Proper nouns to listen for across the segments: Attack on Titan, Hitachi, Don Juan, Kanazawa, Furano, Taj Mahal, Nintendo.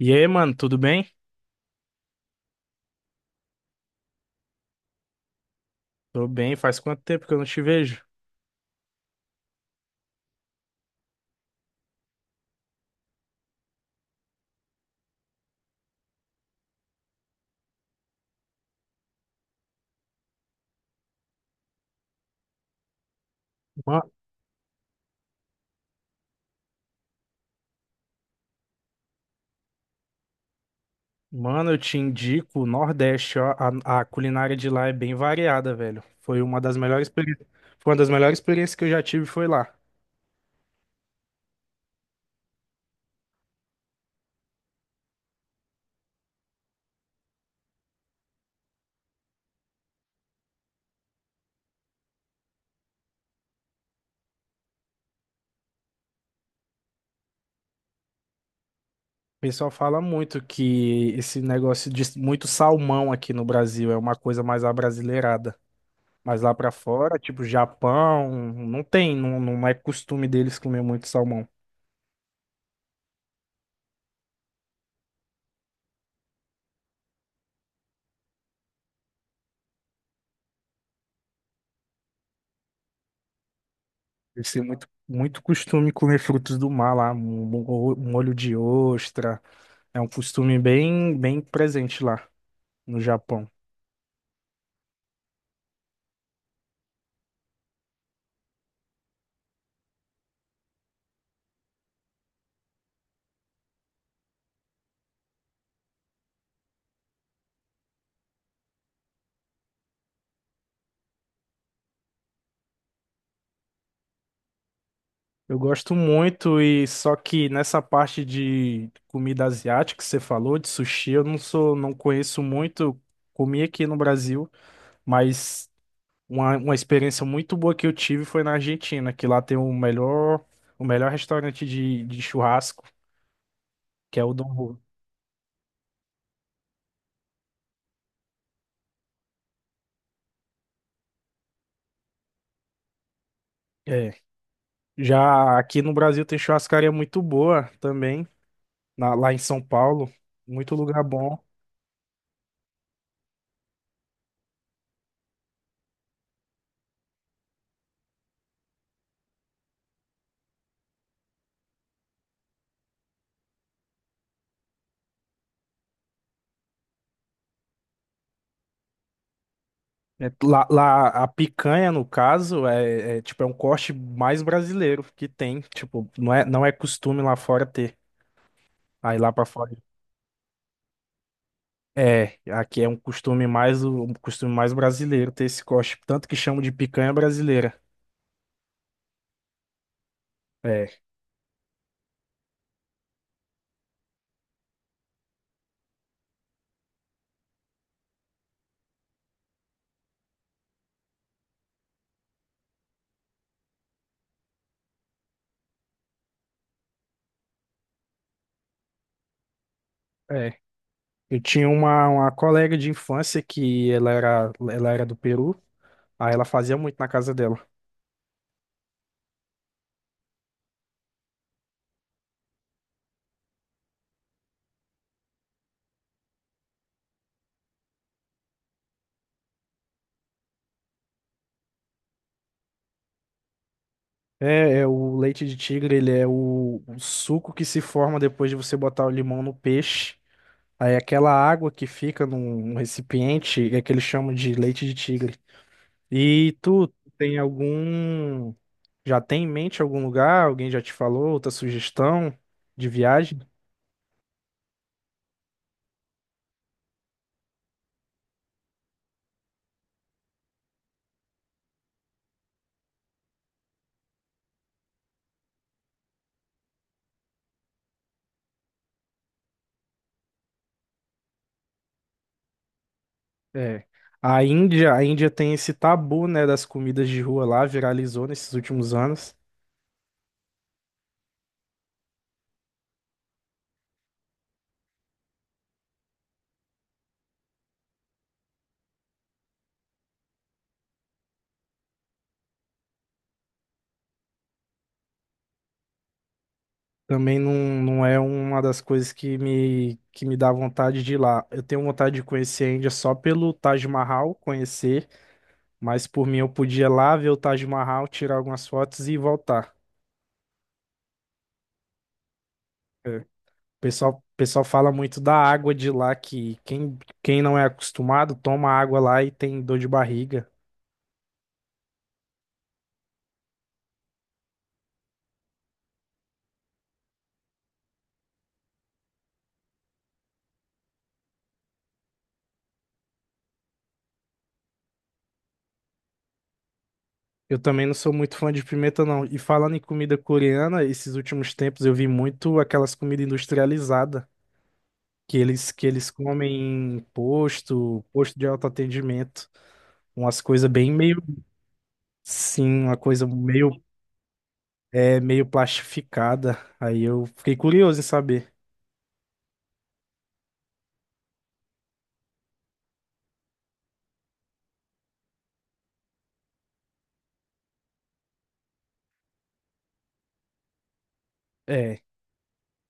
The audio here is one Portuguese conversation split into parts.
E aí, mano, tudo bem? Tô bem, faz quanto tempo que eu não te vejo? Ma- Mano, eu te indico o Nordeste, ó, a culinária de lá é bem variada, velho. Foi uma das melhores experiências que eu já tive foi lá. O pessoal fala muito que esse negócio de muito salmão aqui no Brasil é uma coisa mais abrasileirada. Mas lá pra fora, tipo Japão, não tem, não, não é costume deles comer muito salmão. Eles têm muito, muito costume comer frutos do mar lá, molho de ostra. É um costume bem, bem presente lá no Japão. Eu gosto muito e só que nessa parte de comida asiática que você falou, de sushi, eu não sou, não conheço muito. Comi aqui no Brasil, mas uma experiência muito boa que eu tive foi na Argentina, que lá tem o melhor restaurante de churrasco, que é o Don Juan. É. Já aqui no Brasil tem churrascaria muito boa também, lá em São Paulo, muito lugar bom. É. Lá, a picanha, no caso, tipo, é um corte mais brasileiro que tem. Tipo, não é costume lá fora ter. Aí lá pra fora. É, aqui é um costume mais brasileiro ter esse corte. Tanto que chamam de picanha brasileira. É, é. Eu tinha uma colega de infância que ela era do Peru. Aí ela fazia muito na casa dela. É, é o leite de tigre, ele é o suco que se forma depois de você botar o limão no peixe. Aí aquela água que fica num recipiente é que eles chamam de leite de tigre. E tu tem algum. Já tem em mente algum lugar? Alguém já te falou? Outra sugestão de viagem? É. A Índia tem esse tabu, né, das comidas de rua lá, viralizou nesses últimos anos. Também não, não é uma das coisas que me dá vontade de ir lá. Eu tenho vontade de conhecer a Índia só pelo Taj Mahal, conhecer. Mas por mim eu podia lá ver o Taj Mahal, tirar algumas fotos e voltar. É. O pessoal fala muito da água de lá, que quem não é acostumado toma água lá e tem dor de barriga. Eu também não sou muito fã de pimenta, não. E falando em comida coreana, esses últimos tempos eu vi muito aquelas comidas industrializadas, que eles comem em posto de autoatendimento. Umas coisas bem meio, sim, uma coisa meio, meio plastificada. Aí eu fiquei curioso em saber. É,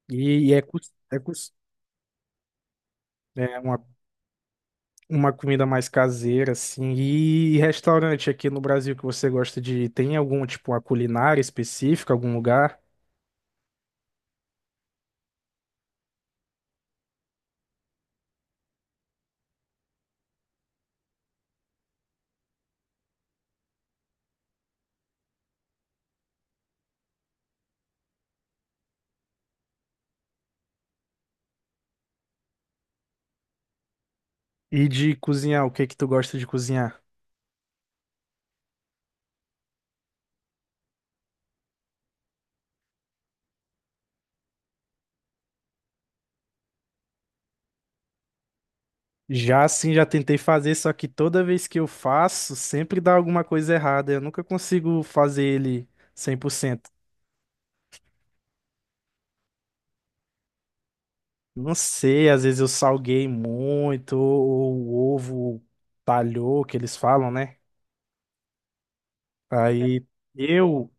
e, e é, cus- é, cus- é uma comida mais caseira, assim. E, restaurante aqui no Brasil que você gosta de tem algum, tipo, uma culinária específica, algum lugar? E de cozinhar, o que que tu gosta de cozinhar? Já sim, já tentei fazer, só que toda vez que eu faço, sempre dá alguma coisa errada. Eu nunca consigo fazer ele 100%. Não sei, às vezes eu salguei muito, ou o ovo talhou, que eles falam, né? Aí. Eu,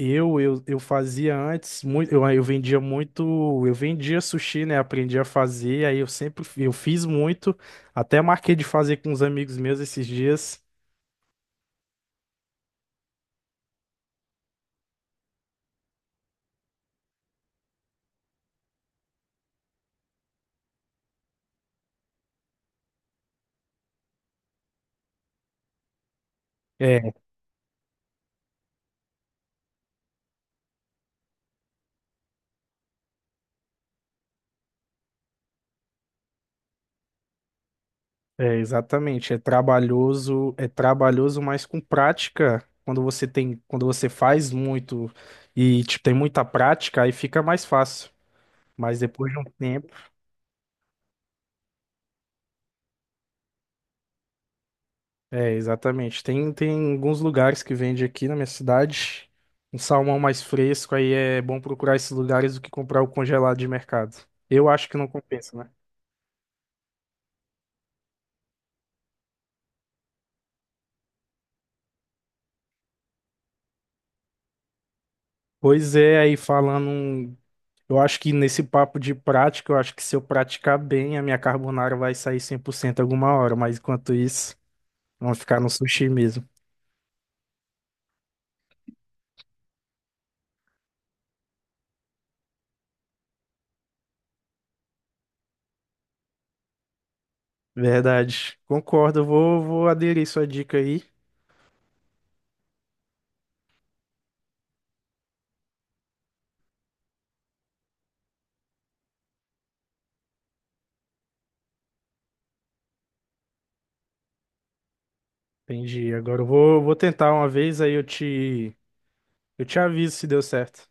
eu fazia antes muito, eu vendia muito, eu vendia sushi, né? Aprendi a fazer, aí eu sempre eu fiz muito, até marquei de fazer com uns amigos meus esses dias. É, é exatamente, é trabalhoso, mas com prática, quando você faz muito e tipo, tem muita prática, aí fica mais fácil. Mas depois de um tempo. É, exatamente. Tem alguns lugares que vende aqui na minha cidade. Um salmão mais fresco, aí é bom procurar esses lugares do que comprar o congelado de mercado. Eu acho que não compensa, né? Pois é, aí falando. Um. Eu acho que nesse papo de prática, eu acho que se eu praticar bem, a minha carbonara vai sair 100% alguma hora, mas enquanto isso, vamos ficar no sushi mesmo. Verdade. Concordo, eu vou aderir sua dica aí. Entendi. Agora eu vou tentar uma vez, aí eu te aviso se deu certo.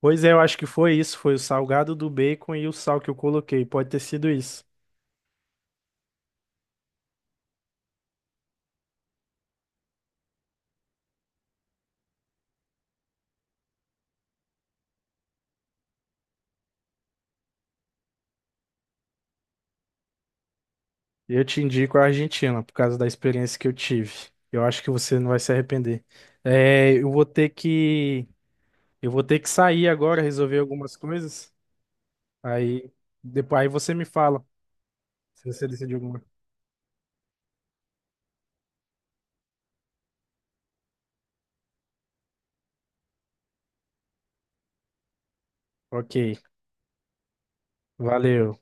Pois é, eu acho que foi isso. Foi o salgado do bacon e o sal que eu coloquei. Pode ter sido isso. Eu te indico a Argentina, por causa da experiência que eu tive. Eu acho que você não vai se arrepender. É, eu vou ter que sair agora, resolver algumas coisas. Aí, depois, aí você me fala se você decidiu alguma. Ok, valeu.